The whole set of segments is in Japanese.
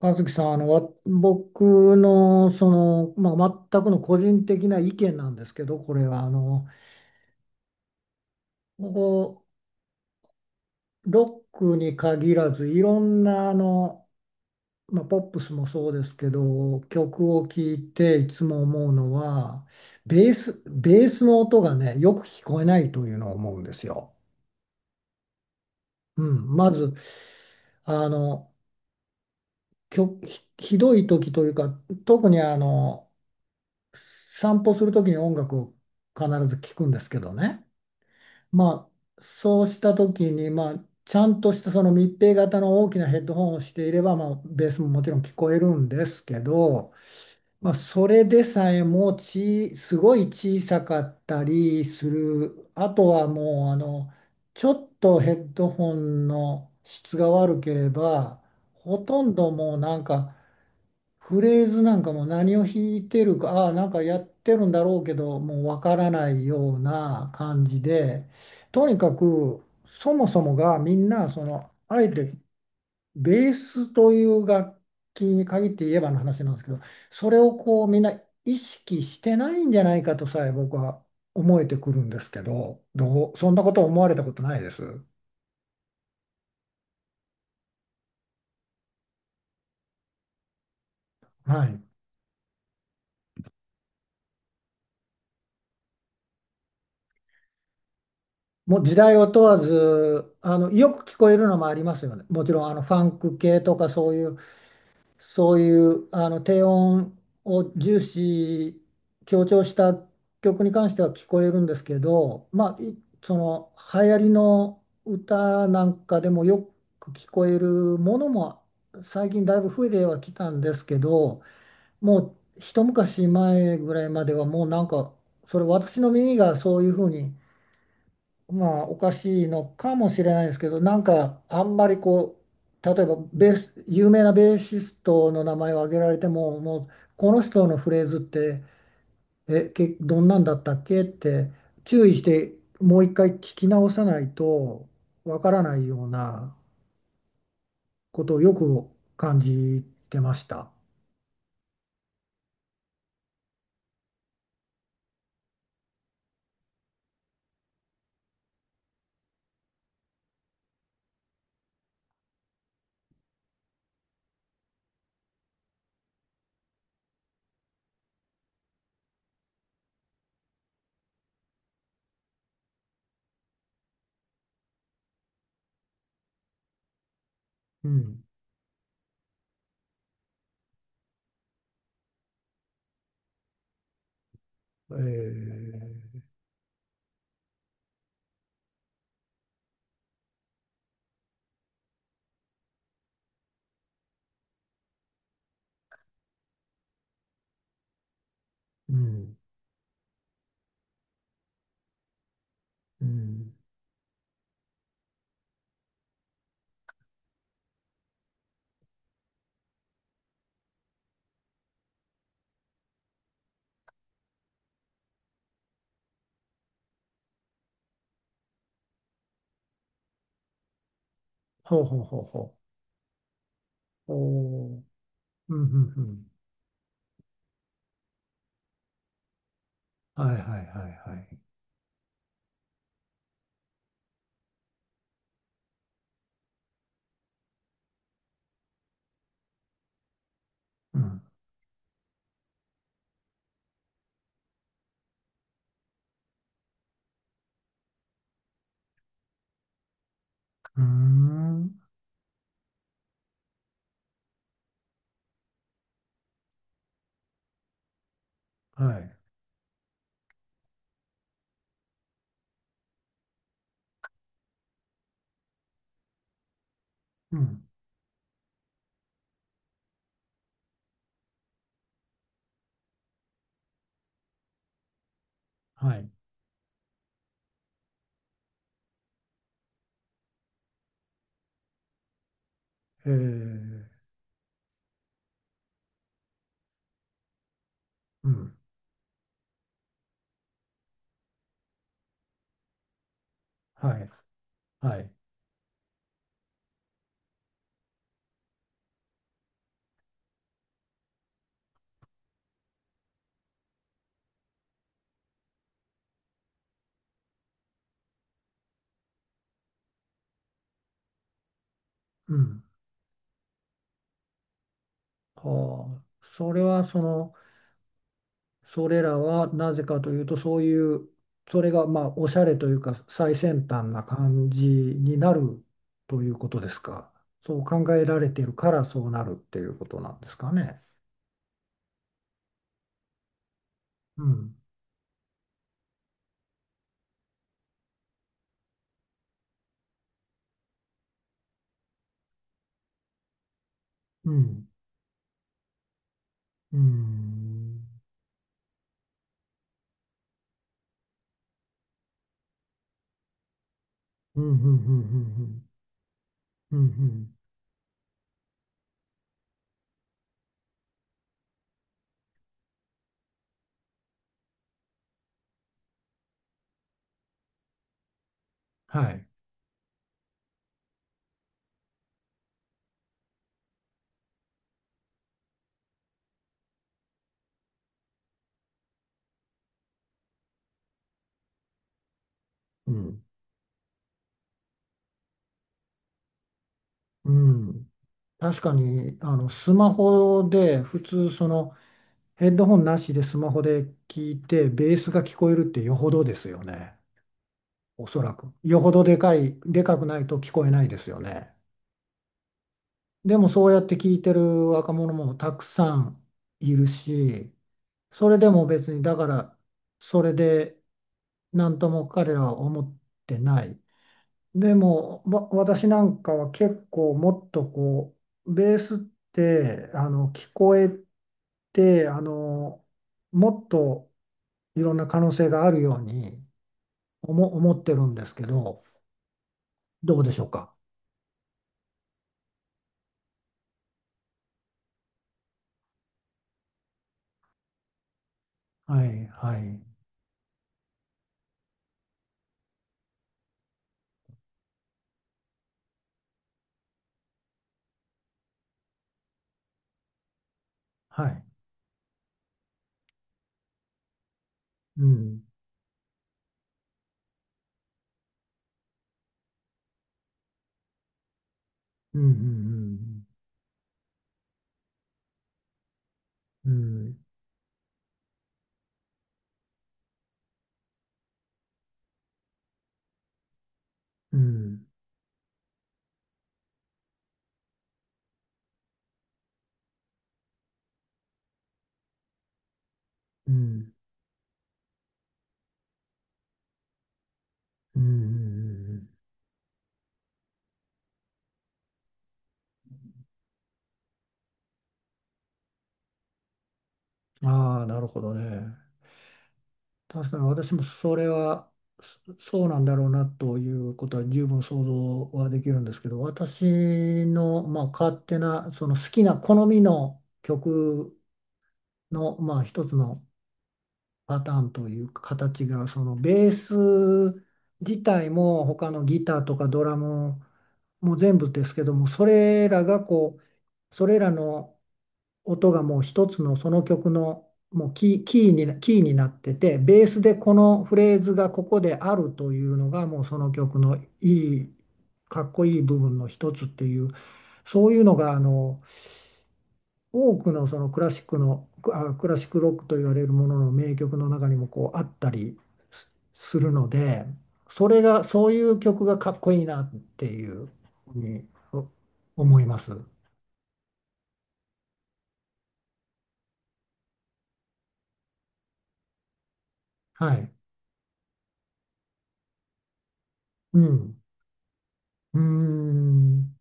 和樹さん、僕の、全くの個人的な意見なんですけど、これは、あの、ここ、ロックに限らず、いろんな、ポップスもそうですけど、曲を聴いていつも思うのは、ベースの音がね、よく聞こえないというのを思うんですよ。うん、まず、あの、ひどい時というか、特に散歩する時に音楽を必ず聞くんですけどね。まそうした時に、ちゃんとしたその密閉型の大きなヘッドホンをしていれば、ベースももちろん聞こえるんですけど、それでさえすごい小さかったりする。あとはもう、ちょっとヘッドホンの質が悪ければ、ほとんどもうなんか、フレーズなんかも何を弾いてるか、ああ、なんかやってるんだろうけど、もうわからないような感じで、とにかく、そもそもがみんな、あえてベースという楽器に限って言えばの話なんですけど、それをこうみんな意識してないんじゃないかとさえ僕は思えてくるんですけど、どう、そんなこと思われたことないです？はい。もう時代を問わず、よく聞こえるのもありますよね。もちろん、ファンク系とかそういう、低音を重視、強調した曲に関しては聞こえるんですけど、その、流行りの歌なんかでもよく聞こえるものも、最近だいぶ増えてはきたんですけど、もう、一昔前ぐらいまではもうなんか、それ私の耳がそういうふうにおかしいのかもしれないですけど、なんかあんまりこう、例えばベース、有名なベーシストの名前を挙げられても、もうこの人のフレーズって、どんなんだったっけって注意してもう一回聞き直さないとわからないようなことをよく感じてました。うん。えー、うん。うん。ほうほうほうほう。おーうんうんうん。はいはいはいはい。うんうーん。はい。うん。はい。えー、うん。はい。はい。うん。はあ。それは、それらはなぜかというと、そういう、それが、おしゃれというか、最先端な感じになるということですか？そう考えられているから、そうなるっていうことなんですかね？うん。うん。うん。うん。うん。うん。うん。うん。うんはい。うん。うん。確かに、スマホで、普通、ヘッドホンなしでスマホで聞いて、ベースが聞こえるってよほどですよね。おそらく。よほどでかい、でかくないと聞こえないですよね。でも、そうやって聞いてる若者もたくさんいるし、それでも別に、だから、それで、なんとも彼らは思ってない。でも、私なんかは結構もっとこう、ベースって、聞こえて、もっといろんな可能性があるように思ってるんですけど、どうでしょうか？はい、はい、はい。うん、うん、うん、うん、うん、うん、うん、うん、うん。ああー、なるほどね。確かに私もそれはそうなんだろうなということは十分想像はできるんですけど、私の、勝手なその好きな好みの曲の、一つのパターンというか形が、そのベース自体も他のギターとかドラムも全部ですけども、それらがこうそれらの音がもう一つのその曲のもうキーになってて、ベースでこのフレーズがここであるというのがもうその曲のい、かっこいい部分の一つっていう、そういうのがあの多くのそのクラシックの、クラシックロックと言われるものの名曲の中にもこうあったりするので、それが、そういう曲がかっこいいなっていうふうにお思います。はい。うん。うーん。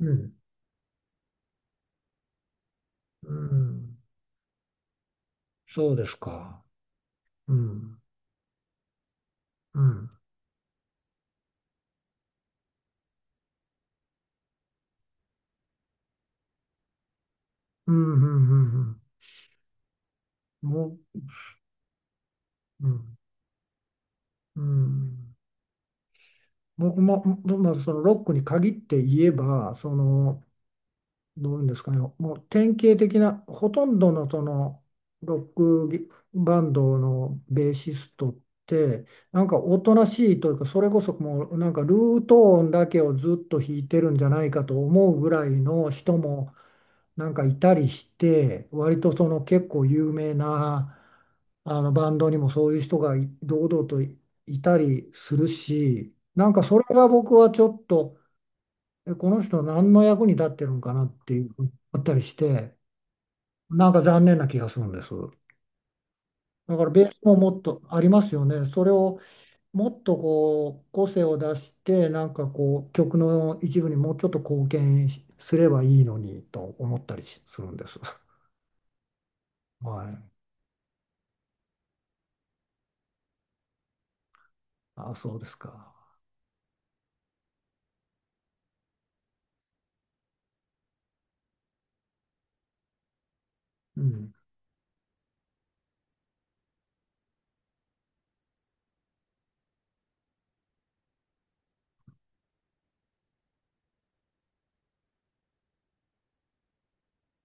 うん、うん、そうですか。うん、うん、うん、うん、うん、うんもう、うん、うん。僕も、そのロックに限って言えば、どういうんですかね、もう典型的な、ほとんどのそのロックギバンドのベーシストって、なんかおとなしいというか、それこそもうなんかルート音だけをずっと弾いてるんじゃないかと思うぐらいの人もなんかいたりして、割とその結構有名なあのバンドにもそういう人が堂々といたりするし、なんかそれが僕はちょっと。え、この人何の役に立ってるんかなっていうのがあったりして、なんか残念な気がするんです。だからベースももっとありますよね。それをもっとこう個性を出して、なんかこう曲の一部にもうちょっと貢献すればいいのにと思ったりしるんです。はい。あ、そうですか。うん。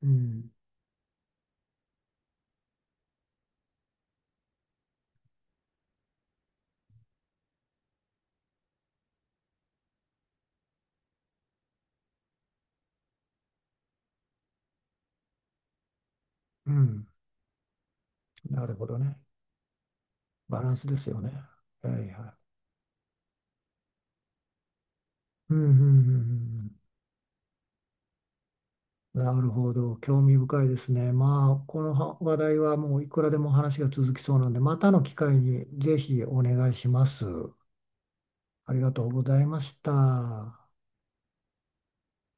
うん。うん。なるほどね。バランスですよね。はいはい。うんうんうんうんうん。なるほど。興味深いですね。この話題はもういくらでも話が続きそうなんで、またの機会にぜひお願いします。ありがとうございました。